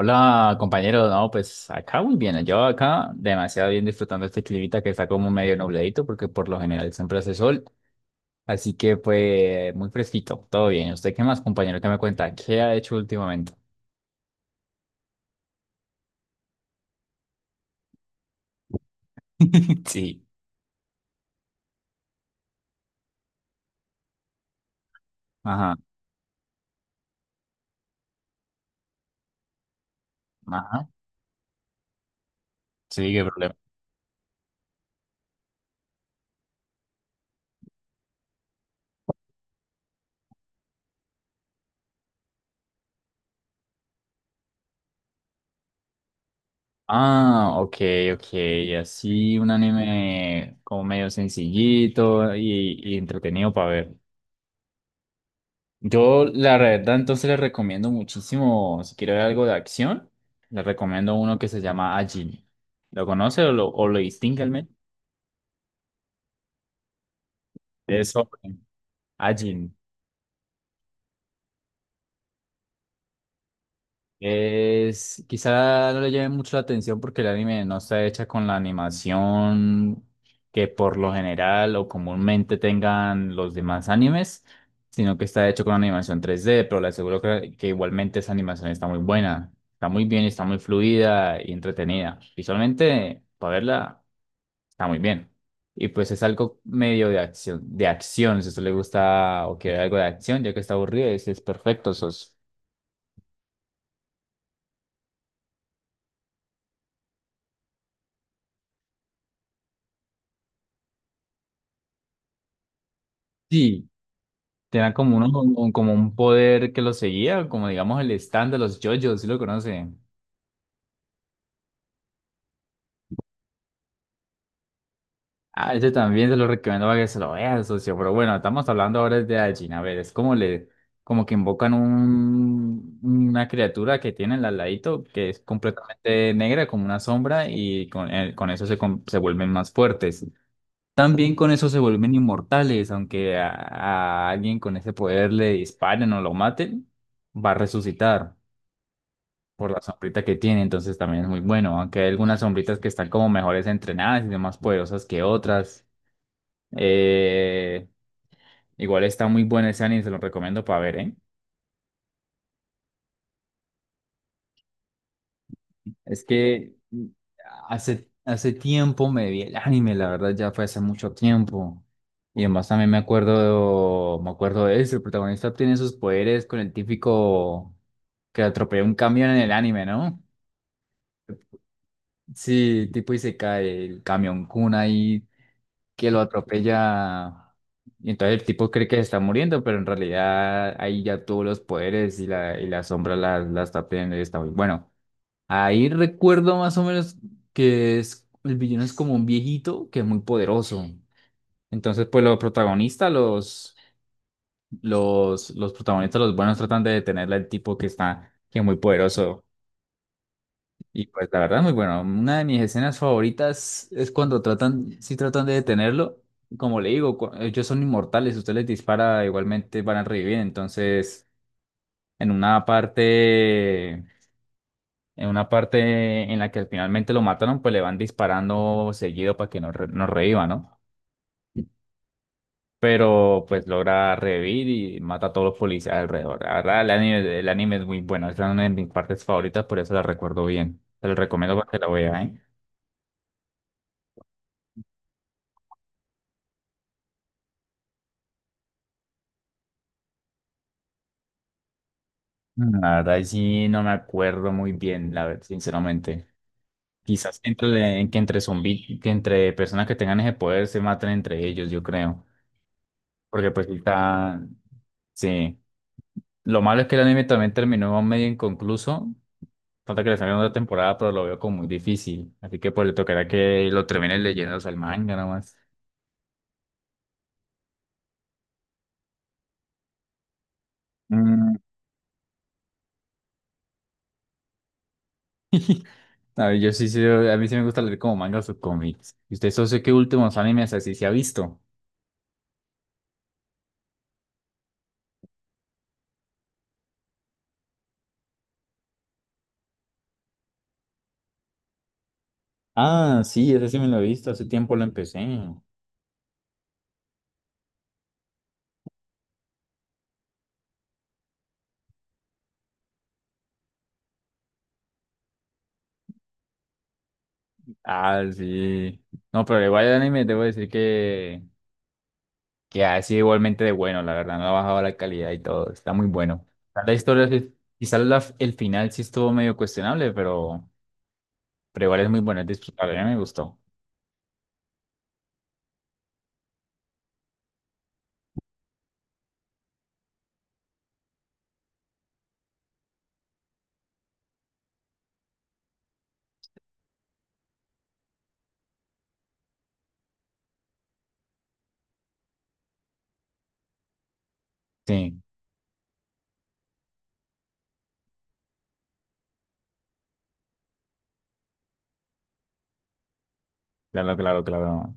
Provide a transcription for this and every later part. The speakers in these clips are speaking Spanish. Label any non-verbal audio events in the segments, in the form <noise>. Hola compañero, no, pues acá muy bien, yo acá demasiado bien disfrutando este climita que está como medio nubladito porque por lo general siempre hace sol, así que pues muy fresquito, todo bien. ¿Usted qué más, compañero? ¿Qué me cuenta? ¿Qué ha hecho últimamente? <laughs> Sí. Ajá, ajá, sí, qué problema. Ah, ok, ok, así un anime como medio sencillito y entretenido para ver. Yo, la verdad, entonces les recomiendo muchísimo, si quiere ver algo de acción, les recomiendo uno que se llama Ajin. ¿Lo conoce o lo distingue al menos? Es sobre Ajin. Es, quizá no le llame mucho la atención porque el anime no está hecha con la animación que por lo general o comúnmente tengan los demás animes, sino que está hecho con animación 3D, pero le aseguro que, igualmente esa animación está muy buena, está muy bien, está muy fluida y entretenida. Visualmente, para verla, está muy bien. Y pues es algo medio de acción, si a usted le gusta o quiere algo de acción, ya que está aburrido, es perfecto, sos. Sí, tenía como uno, como un poder que lo seguía, como digamos el stand de los JoJos, si lo conocen. Ah, ese también se lo recomiendo para que se lo vean, socio. Pero bueno, estamos hablando ahora de Ajin. A ver, es como le, como que invocan un, una criatura que tienen al ladito, que es completamente negra, como una sombra, y con eso se, se vuelven más fuertes. También con eso se vuelven inmortales, aunque a alguien con ese poder le disparen o lo maten, va a resucitar por la sombrita que tiene, entonces también es muy bueno, aunque hay algunas sombritas que están como mejores entrenadas y son más poderosas que otras. Eh, Igual está muy bueno ese anime, se lo recomiendo para ver, ¿eh? Es que hace tiempo me vi el anime, la verdad ya fue hace mucho tiempo. Y además también me acuerdo de eso, el protagonista obtiene sus poderes con el típico que atropella un camión en el anime, ¿no? Sí, tipo y se cae el camión Kun ahí que lo atropella. Y entonces el tipo cree que se está muriendo, pero en realidad ahí ya tuvo los poderes y la sombra la, la está pidiendo y está muy bueno. Ahí recuerdo más o menos que es, el villano es como un viejito que es muy poderoso. Entonces, pues los protagonistas, los protagonistas, los buenos tratan de detenerle al tipo que está, que es muy poderoso. Y pues la verdad, muy bueno. Una de mis escenas favoritas es cuando tratan, si tratan de detenerlo. Como le digo, ellos son inmortales, usted les dispara, igualmente van a revivir. Entonces, en una parte, en una parte en la que finalmente lo mataron, pues le van disparando seguido para que no, no reviva, ¿no? Pero pues logra revivir y mata a todos los policías alrededor. La verdad, el anime es muy bueno. Esa es una de mis partes favoritas, por eso la recuerdo bien. Te lo recomiendo para que la veas, ¿eh? Mm, la verdad, ahí sí no me acuerdo muy bien, la verdad, sinceramente. Quizás entre, en que que entre personas que tengan ese poder se maten entre ellos, yo creo. Porque pues está, sí. Lo malo es que el anime también terminó medio inconcluso. Falta que le salga otra temporada, pero lo veo como muy difícil. Así que pues le tocará que lo terminen leyendo, o sea, el manga nomás. Mm, a ver, yo sí, sí, a mí sí me gusta leer como mangas o cómics. ¿Y usted, socio, qué últimos animes así se ha visto? Ah, sí, ese sí me lo he visto, hace tiempo lo empecé. Ah, sí. No, pero igual el anime debo decir que, ha sido igualmente de bueno, la verdad. No ha bajado la calidad y todo. Está muy bueno. La historia, quizás el final sí estuvo medio cuestionable, pero, igual es muy bueno, es disfrutable. A mí me gustó. Sí, claro, claro, claro.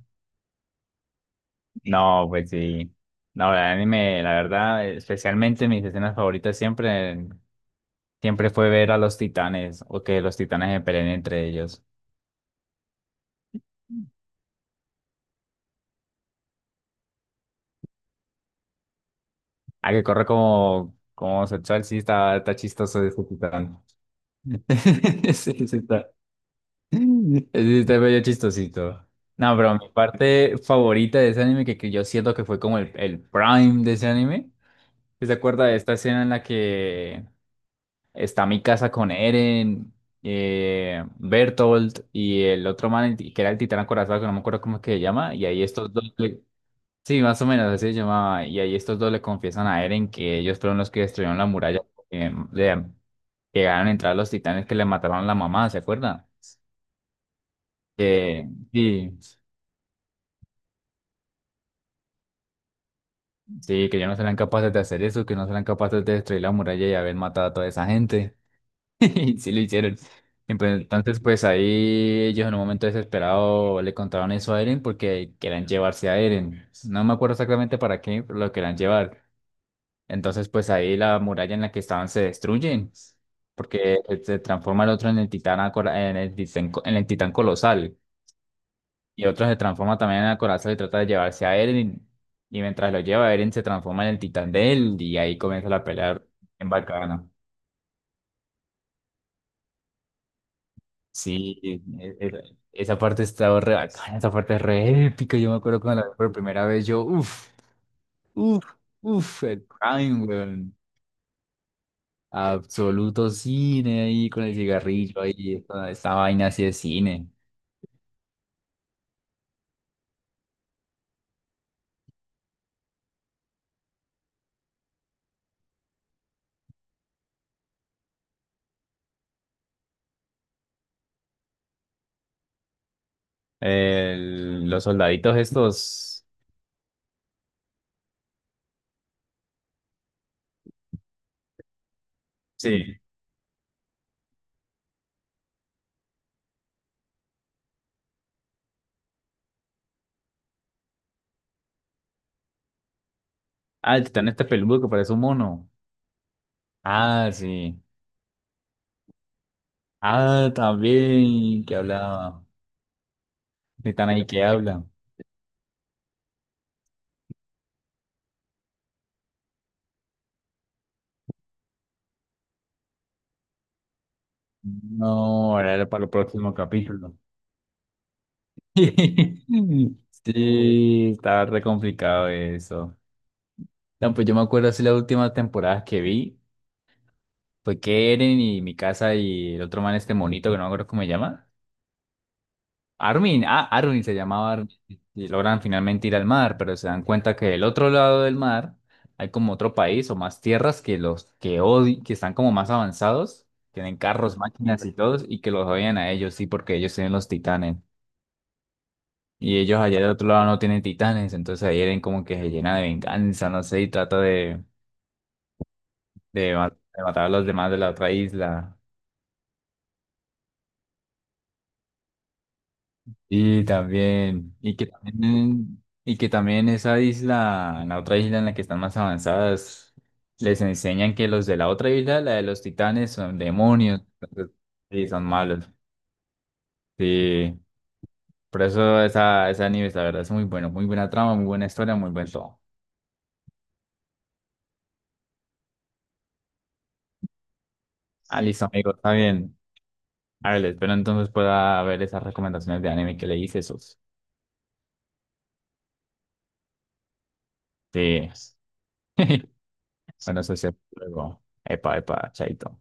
No, pues sí. No, el anime, la verdad, especialmente mis escenas favoritas siempre, siempre fue ver a los titanes o que los titanes se peleen entre ellos. Ah, que corre como, como homosexual, sí, está, está chistoso ese titán. <laughs> Sí, sí está. Sí, está medio chistosito. No, pero mi parte favorita de ese anime, que yo siento que fue como el prime de ese anime, ¿se acuerda de esta escena en la que está mi casa con Eren, Bertolt y el otro man, que era el titán acorazado, que no me acuerdo cómo es que se llama, y ahí estos dos... Sí, más o menos así se llamaba. Y ahí estos dos le confiesan a Eren que ellos fueron los que destruyeron la muralla, porque le llegaron a entrar los titanes que le mataron a la mamá, ¿se acuerdan? Que sí, sí, que ellos no serán capaces de hacer eso, que no serán capaces de destruir la muralla y haber matado a toda esa gente. <laughs> Y sí lo hicieron. Y pues, entonces, pues ahí ellos en un momento desesperado le contaron eso a Eren porque querían llevarse a Eren. No me acuerdo exactamente para qué, pero lo querían llevar. Entonces, pues ahí la muralla en la que estaban se destruye, porque se transforma el otro en el titán, en el titán, en el titán colosal, y otro se transforma también en el corazón y trata de llevarse a Eren, y, mientras lo lleva, Eren se transforma en el titán de él, y ahí comienza la pelea en bacana. Sí, esa parte está re bacana, esa parte es re épica, yo me acuerdo cuando la vi por primera vez, yo, uff, uff, uff, el prime, weón. Absoluto cine ahí con el cigarrillo ahí, esta vaina así de cine. Los soldaditos estos. Sí. Ah, el titán este peludo que parece un mono. Ah, sí. Ah, también, que hablaba. Titán ahí que habla. No, ahora era para el próximo capítulo. <laughs> Sí, estaba re complicado eso. No, pues yo me acuerdo así las últimas temporadas que vi. Fue Eren y mi casa y el otro man este monito que no me acuerdo cómo se llama. Armin, ah, Armin se llamaba, Armin, y logran finalmente ir al mar, pero se dan cuenta que del otro lado del mar hay como otro país o más tierras que los que están como más avanzados, tienen carros, máquinas y todos, y que los odian a ellos, sí, porque ellos tienen los titanes. Y ellos allá del otro lado no tienen titanes, entonces ahí Eren como que se llena de venganza, no sé, y trata de, de ma- de matar a los demás de la otra isla. Y que también esa isla, la otra isla en la que están más avanzadas, les enseñan que los de la otra isla, la de los titanes, son demonios, entonces, sí, son malos. Sí, por eso esa, esa anime la verdad, es muy bueno, muy buena trama, muy buena historia, muy buen todo. Ah, listo, amigo, está bien. A ver, espero entonces pueda ver esas recomendaciones de anime que le hice, esos. Sí. <laughs> Bueno, eso es luego. Epa, epa, chaito.